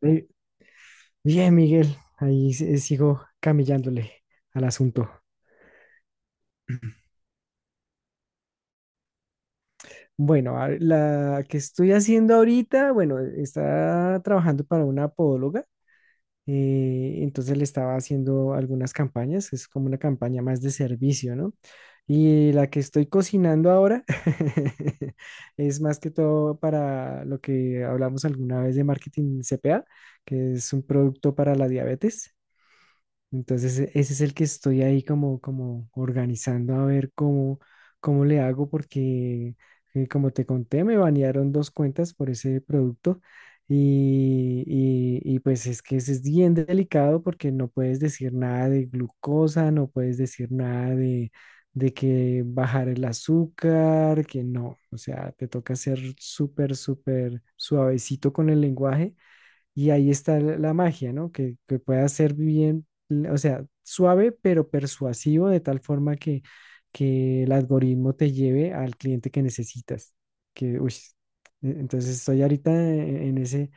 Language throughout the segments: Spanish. Eh, Bien, Miguel, ahí sigo camillándole al asunto. Bueno, la que estoy haciendo ahorita, bueno, está trabajando para una podóloga, entonces le estaba haciendo algunas campañas, es como una campaña más de servicio, ¿no? Y la que estoy cocinando ahora es más que todo para lo que hablamos alguna vez de marketing CPA, que es un producto para la diabetes. Entonces, ese es el que estoy ahí como, como organizando a ver cómo, cómo le hago, porque como te conté, me banearon dos cuentas por ese producto y, pues es que ese es bien delicado porque no puedes decir nada de glucosa, no puedes decir nada de, de que bajar el azúcar, que no, o sea, te toca ser súper, súper suavecito con el lenguaje y ahí está la magia, ¿no? Que pueda ser bien, o sea, suave pero persuasivo de tal forma que el algoritmo te lleve al cliente que necesitas. Que, uy, entonces estoy ahorita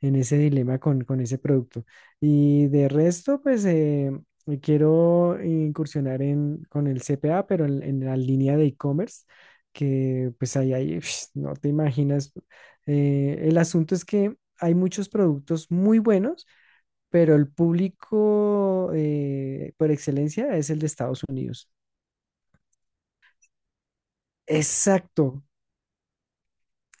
en ese dilema con ese producto. Y de resto, pues quiero incursionar en, con el CPA, pero en la línea de e-commerce, que pues ahí, ahí, no te imaginas. El asunto es que hay muchos productos muy buenos, pero el público por excelencia es el de Estados Unidos. Exacto,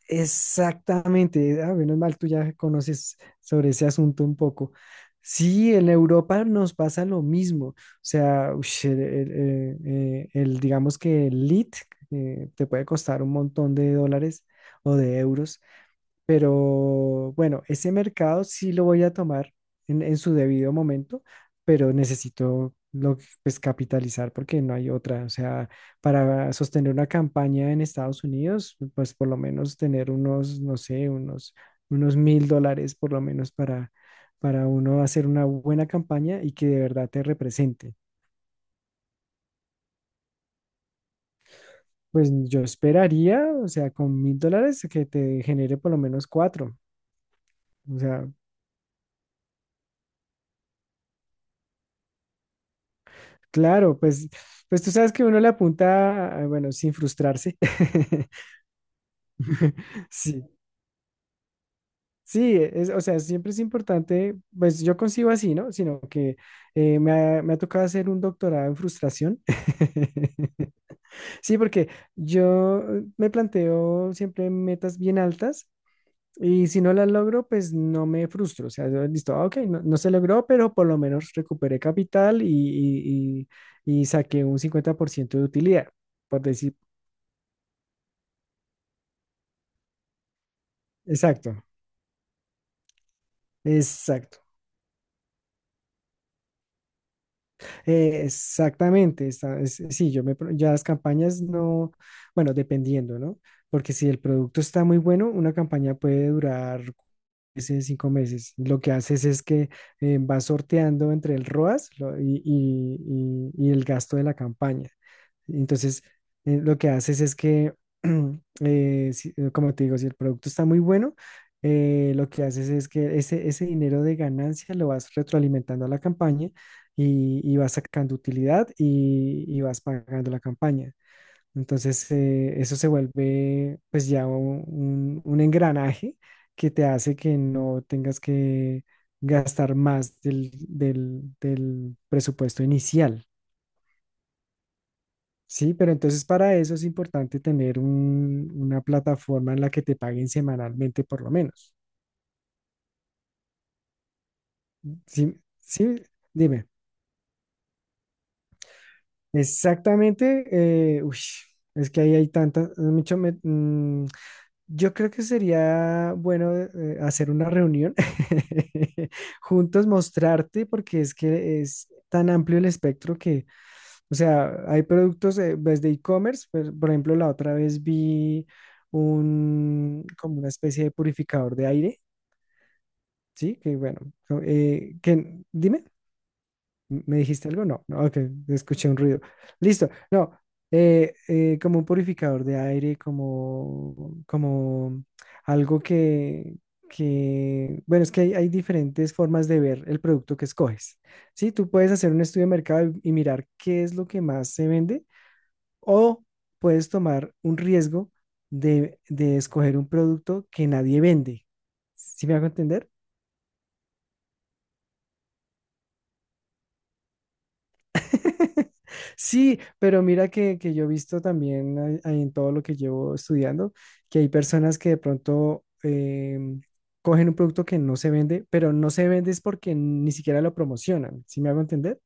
exactamente. Ah, menos mal, tú ya conoces sobre ese asunto un poco. Sí, en Europa nos pasa lo mismo. O sea, ush, digamos que el lead te puede costar un montón de dólares o de euros. Pero bueno, ese mercado sí lo voy a tomar en su debido momento, pero necesito lo, pues, capitalizar porque no hay otra. O sea, para sostener una campaña en Estados Unidos, pues por lo menos tener unos, no sé, unos, unos $1000 por lo menos para uno hacer una buena campaña y que de verdad te represente. Pues yo esperaría, o sea, con $1000 que te genere por lo menos cuatro. O sea, claro, pues, pues tú sabes que uno le apunta, bueno, sin frustrarse. Sí, sí, es, o sea, siempre es importante, pues yo consigo así, ¿no? Sino que me ha tocado hacer un doctorado en frustración. Sí, porque yo me planteo siempre metas bien altas y si no las logro, pues no me frustro. O sea, yo, listo, ah, ok, no, no se logró, pero por lo menos recuperé capital y y saqué un 50% de utilidad, por decir. Exacto, exacto, exactamente. Está, sí, ya las campañas no, bueno, dependiendo, ¿no? Porque si el producto está muy bueno, una campaña puede durar meses, cinco meses. Lo que haces es que vas sorteando entre el ROAS y y el gasto de la campaña. Entonces, lo que haces es que, como te digo, si el producto está muy bueno, lo que haces es que ese dinero de ganancia lo vas retroalimentando a la campaña y vas sacando utilidad y vas pagando la campaña. Entonces, eso se vuelve pues ya un engranaje que te hace que no tengas que gastar más del del presupuesto inicial. Sí, pero entonces para eso es importante tener una plataforma en la que te paguen semanalmente por lo menos. Sí, sí, dime. Exactamente. eh, uy, es que ahí hay tantas, mucho, yo creo que sería bueno hacer una reunión juntos, mostrarte, porque es que es tan amplio el espectro que, o sea, hay productos desde e-commerce, pues, por ejemplo, la otra vez vi un, como una especie de purificador de aire, ¿sí? Que bueno, dime. ¿Me dijiste algo? No, no, ok, escuché un ruido. Listo, no, como un purificador de aire, como, como algo que, bueno, es que hay diferentes formas de ver el producto que escoges. Sí, tú puedes hacer un estudio de mercado y mirar qué es lo que más se vende o puedes tomar un riesgo de escoger un producto que nadie vende. ¿Sí me hago entender? Sí, pero mira que yo he visto también ahí en todo lo que llevo estudiando, que hay personas que de pronto cogen un producto que no se vende, pero no se vende es porque ni siquiera lo promocionan, ¿sí me hago entender?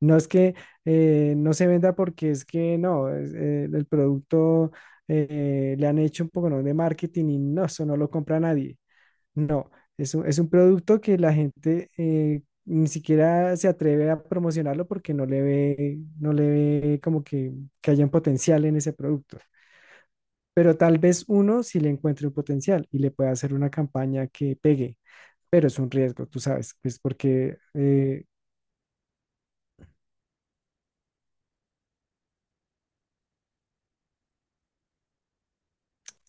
No es que no se venda porque es que no, es, el producto le han hecho un poco ¿no? de marketing y no, eso no lo compra nadie. No, es un producto que la gente ni siquiera se atreve a promocionarlo porque no le ve, no le ve como que haya un potencial en ese producto. Pero tal vez uno sí le encuentre un potencial y le pueda hacer una campaña que pegue, pero es un riesgo, tú sabes, pues porque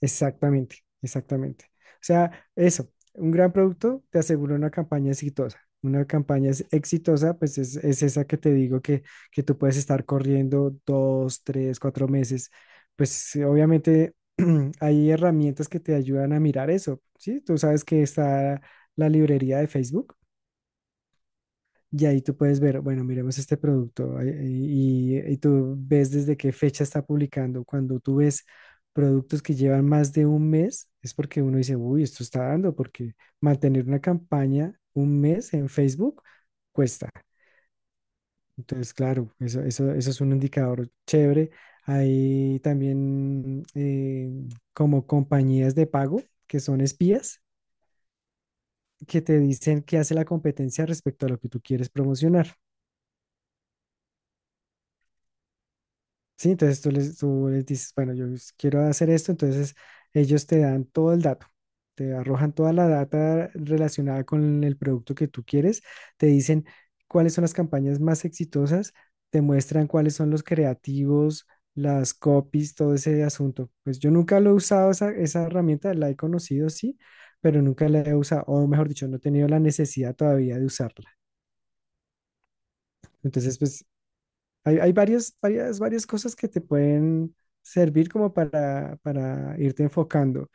exactamente, exactamente. O sea, eso, un gran producto te asegura una campaña exitosa. Una campaña exitosa, pues es esa que te digo que tú puedes estar corriendo dos, tres, cuatro meses. Pues obviamente hay herramientas que te ayudan a mirar eso, ¿sí? Tú sabes que está la librería de Facebook. Y ahí tú puedes ver, bueno, miremos este producto y tú ves desde qué fecha está publicando. Cuando tú ves productos que llevan más de un mes, es porque uno dice, uy, esto está dando, porque mantener una campaña un mes en Facebook cuesta. Entonces, claro, eso es un indicador chévere. Hay también como compañías de pago que son espías que te dicen qué hace la competencia respecto a lo que tú quieres promocionar. Sí, entonces tú les dices, bueno, yo quiero hacer esto, entonces ellos te dan todo el dato, te arrojan toda la data relacionada con el producto que tú quieres, te dicen cuáles son las campañas más exitosas, te muestran cuáles son los creativos, las copies, todo ese asunto. Pues yo nunca lo he usado esa, esa herramienta, la he conocido, sí, pero nunca la he usado, o mejor dicho, no he tenido la necesidad todavía de usarla. Entonces, pues hay varias, varias, varias cosas que te pueden servir como para irte enfocando,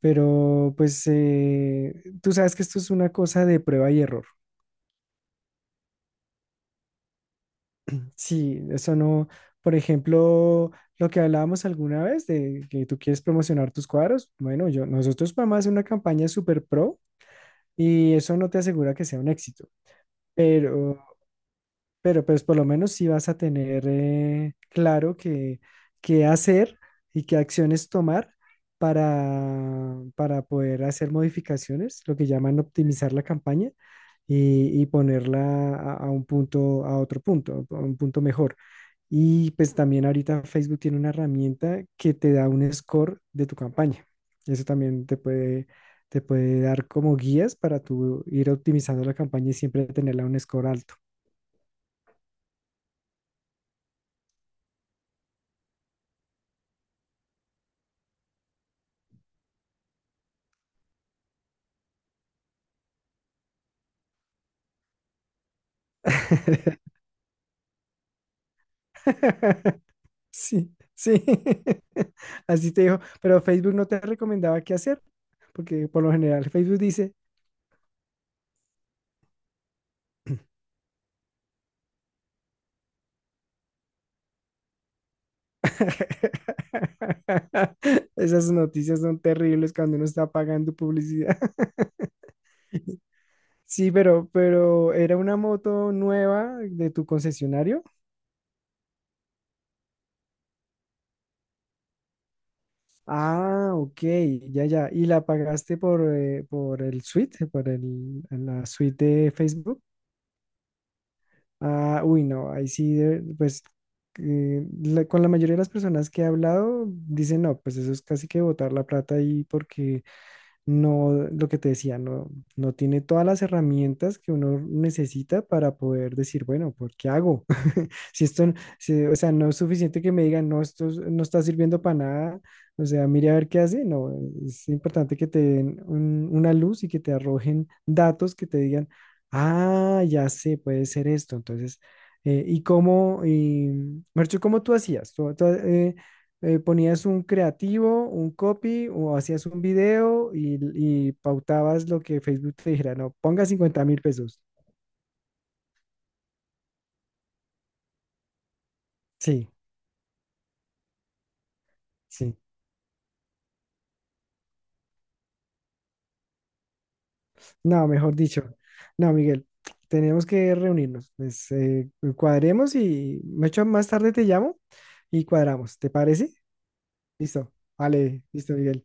pero pues tú sabes que esto es una cosa de prueba y error. Sí, eso no, por ejemplo, lo que hablábamos alguna vez de que tú quieres promocionar tus cuadros, bueno, yo, nosotros podemos hacer una campaña super pro y eso no te asegura que sea un éxito, pero Pero pues por lo menos sí vas a tener claro qué, qué hacer y qué acciones tomar para poder hacer modificaciones, lo que llaman optimizar la campaña y ponerla a un punto, a otro punto, a un punto mejor. Y pues también ahorita Facebook tiene una herramienta que te da un score de tu campaña. Eso también te puede dar como guías para tú ir optimizando la campaña y siempre tenerla a un score alto. Sí, sí. Así te dijo, pero Facebook no te recomendaba qué hacer, porque por lo general Facebook dice, esas noticias son terribles cuando uno está pagando publicidad. Sí, pero ¿era una moto nueva de tu concesionario? Ah, ok, ya, ya. ¿Y la pagaste por el suite, por el, la suite de Facebook? Ah, uy, no, ahí sí, pues con la mayoría de las personas que he hablado dicen, no, pues eso es casi que botar la plata ahí porque no, lo que te decía, no, no tiene todas las herramientas que uno necesita para poder decir, bueno, ¿por qué hago? Si esto, o sea, no es suficiente que me digan, no, esto no está sirviendo para nada, o sea, mire a ver qué hace, no, es importante que te den una luz y que te arrojen datos que te digan, ah, ya sé, puede ser esto, entonces, ¿y cómo, y, Marcho, cómo tú hacías? ¿Tú ponías un creativo, un copy o hacías un video y pautabas lo que Facebook te dijera, no, ponga $50000? Sí, sí. No, mejor dicho. No, Miguel, tenemos que reunirnos. Pues, cuadremos y me echo más tarde te llamo y cuadramos. ¿Te parece? Listo. Vale, listo, Miguel.